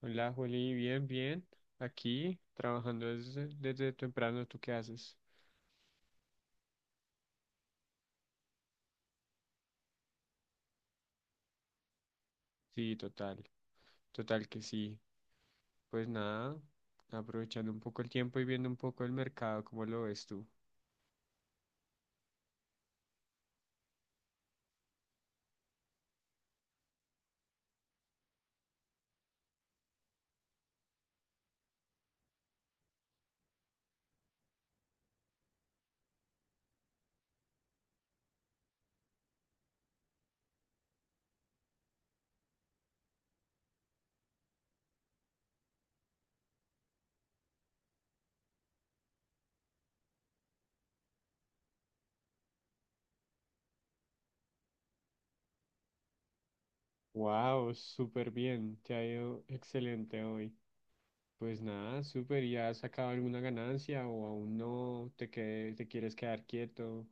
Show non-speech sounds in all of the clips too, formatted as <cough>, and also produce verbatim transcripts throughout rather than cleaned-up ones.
Hola, Juli, bien, bien. Aquí trabajando desde, desde temprano, ¿tú qué haces? Sí, total, total que sí. Pues nada, aprovechando un poco el tiempo y viendo un poco el mercado, ¿cómo lo ves tú? Wow, súper bien, te ha ido excelente hoy. Pues nada, súper, ¿ya has sacado alguna ganancia o aún no te, que- te quieres quedar quieto?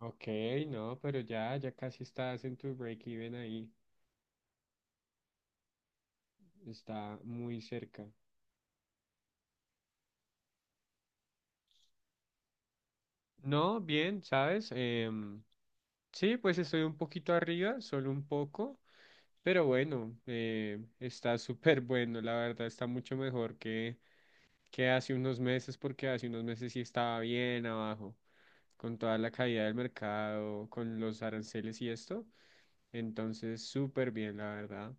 Ok, no, pero ya, ya casi estás en tu break-even ahí, está muy cerca. No, bien, ¿sabes? Em, sí, pues estoy un poquito arriba, solo un poco, pero bueno, eh, está <laughs> súper bueno, la verdad, está mucho mejor que, que hace unos meses, porque hace unos meses sí estaba bien abajo, con toda la caída del mercado, con los aranceles y esto. Entonces, súper bien, la verdad,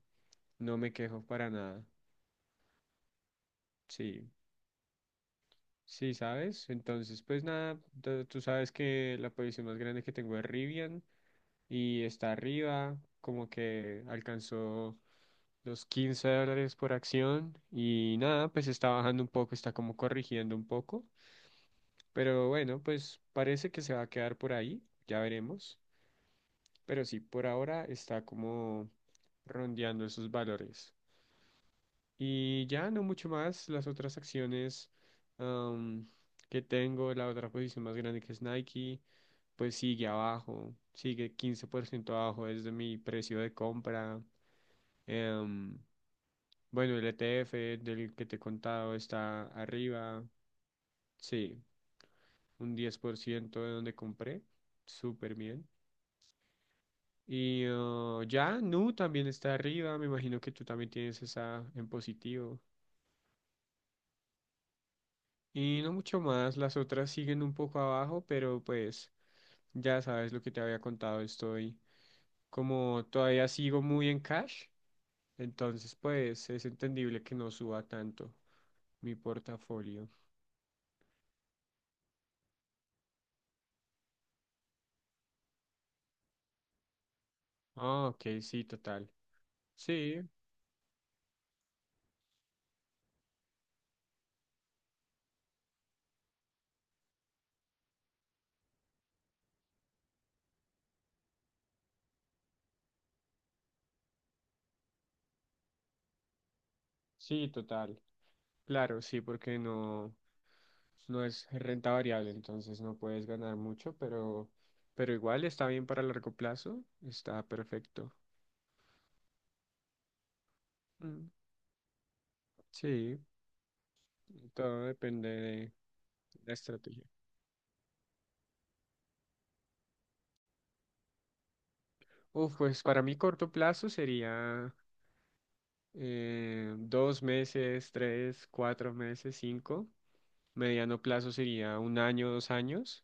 no me quejo para nada. Sí, sí, ¿sabes? Entonces, pues nada, tú tú sabes que la posición más grande que tengo es Rivian, y está arriba, como que alcanzó los quince dólares por acción y nada, pues está bajando un poco, está como corrigiendo un poco, pero bueno, pues parece que se va a quedar por ahí, ya veremos, pero sí, por ahora está como rondeando esos valores. Y ya no mucho más, las otras acciones am, que tengo, la otra posición más grande que es Nike pues sigue abajo, sigue quince por ciento abajo desde mi precio de compra. Em, bueno, el E T F del que te he contado está arriba, sí, un diez por ciento de donde compré, súper bien. Y eh, ya, Nu también está arriba, me imagino que tú también tienes esa en positivo. Y no mucho más, las otras siguen un poco abajo, pero pues ya sabes lo que te había contado, estoy como todavía sigo muy en cash, entonces pues es entendible que no suba tanto mi portafolio. Ah, ok, sí, total. Sí, sí, total. Claro, sí, porque no, no es renta variable, entonces no puedes ganar mucho, pero, pero igual está bien para largo plazo, está perfecto. Mm, sí, todo depende de la estrategia. Uf, pues para mí corto plazo sería eh, dos meses, tres, cuatro meses, cinco. Mediano plazo sería un año, dos años.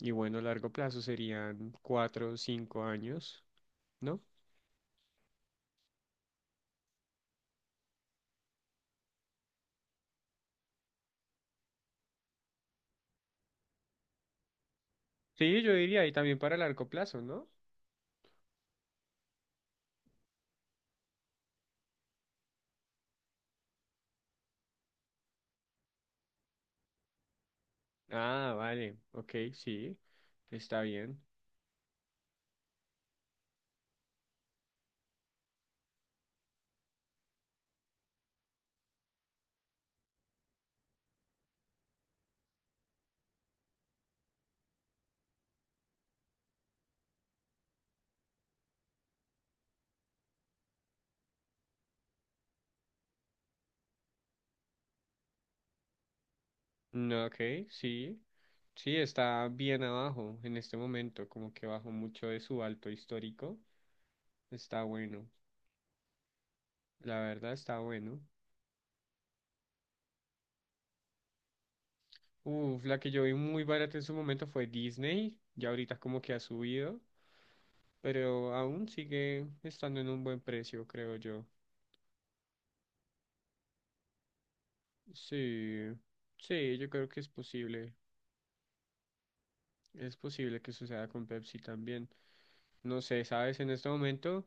Y bueno, largo plazo serían cuatro, cinco años, ¿no? Sí, yo diría, y también para largo plazo, ¿no? Ah, vale, ok, sí, está bien. No, ok, sí, sí, está bien abajo en este momento, como que bajó mucho de su alto histórico. Está bueno, la verdad está bueno. Uf, la que yo vi muy barata en su momento fue Disney, ya ahorita como que ha subido, pero aún sigue estando en un buen precio, creo yo. Sí, sí, yo creo que es posible. Es posible que suceda con Pepsi también. No sé, sabes, en este momento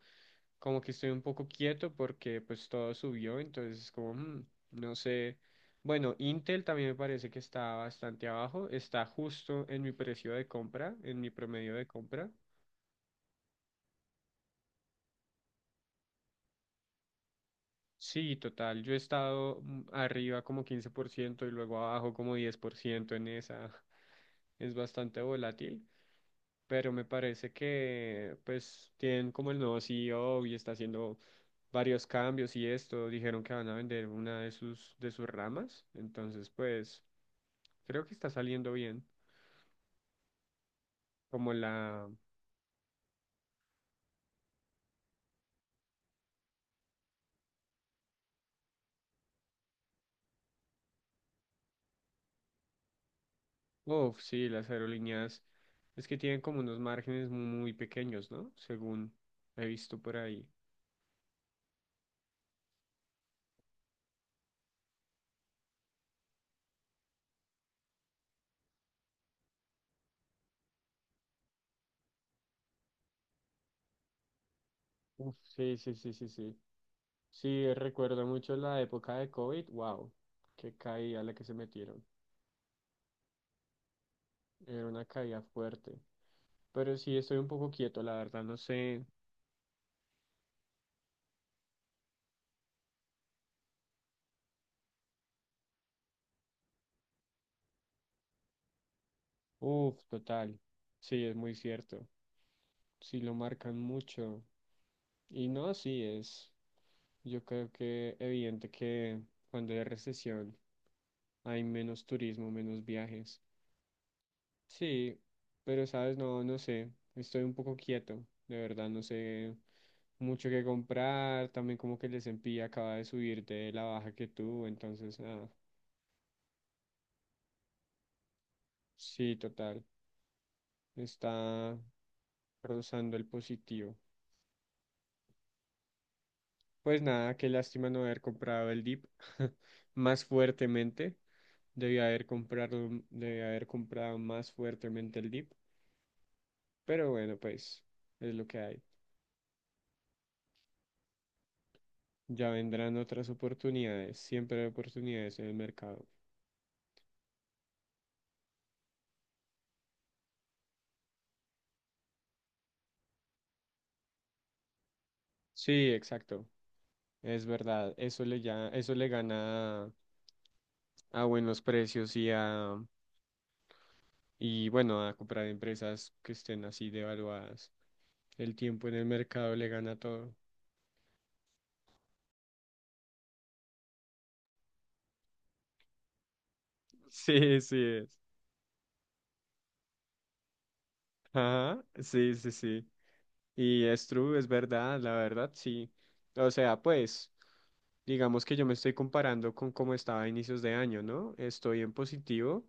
como que estoy un poco quieto porque pues todo subió, entonces como mm, no sé. Bueno, Intel también me parece que está bastante abajo, está justo en mi precio de compra, en mi promedio de compra. Sí, total, yo he estado mm, arriba como quince por ciento y luego abajo como diez por ciento en esa. <laughs> Es bastante volátil. Pero me parece que pues tienen como el nuevo C E O y está haciendo varios cambios y esto, dijeron que van a vender una de sus de sus ramas, entonces pues creo que está saliendo bien, como la, uff, sí, las aerolíneas es que tienen como unos márgenes muy pequeños, ¿no? Según he visto por ahí. Uf, sí, sí, sí, sí, sí. Sí, recuerdo mucho la época de COVID, wow, qué caída la que se metieron, era una caída fuerte. Pero sí estoy un poco quieto, la verdad, no sé. Uf, total. Sí, es muy cierto. Sí lo marcan mucho. Y no, sí es. Yo creo que evidente que cuando hay recesión hay menos turismo, menos viajes. Sí, pero sabes, no, no sé. Estoy un poco quieto, de verdad, no sé mucho que comprar. También como que el ese and pi acaba de subir de la baja que tuvo, entonces, ah, sí, total. Está. Rozando el positivo. Pues nada, qué lástima no haber comprado el dip <laughs> más fuertemente. Debía haber comprado, debía haber comprado más fuertemente el dip. Pero bueno, pues es lo que hay. Ya vendrán otras oportunidades. Siempre hay oportunidades en el mercado. Sí, exacto. Es verdad. Eso le ya, eso le gana a a buenos precios y a y bueno, a comprar empresas que estén así devaluadas. El tiempo en el mercado le gana todo. Sí, sí es. Ajá, sí, sí, sí. Y es true, es verdad, la verdad, sí. O sea, pues, digamos que yo me estoy comparando con cómo estaba a inicios de año, ¿no? Estoy en positivo,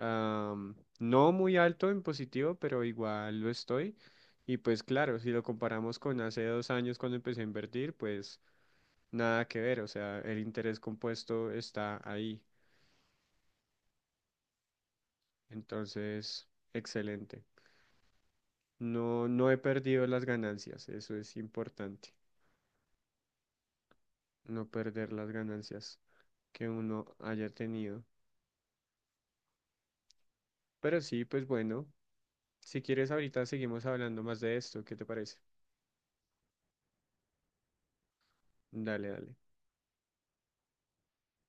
am, no muy alto en positivo, pero igual lo estoy. Y pues claro, si lo comparamos con hace dos años cuando empecé a invertir, pues nada que ver, o sea, el interés compuesto está ahí. Entonces, excelente. No, no he perdido las ganancias, eso es importante, no perder las ganancias que uno haya tenido. Pero sí, pues bueno, si quieres ahorita seguimos hablando más de esto, ¿qué te parece? Dale, dale.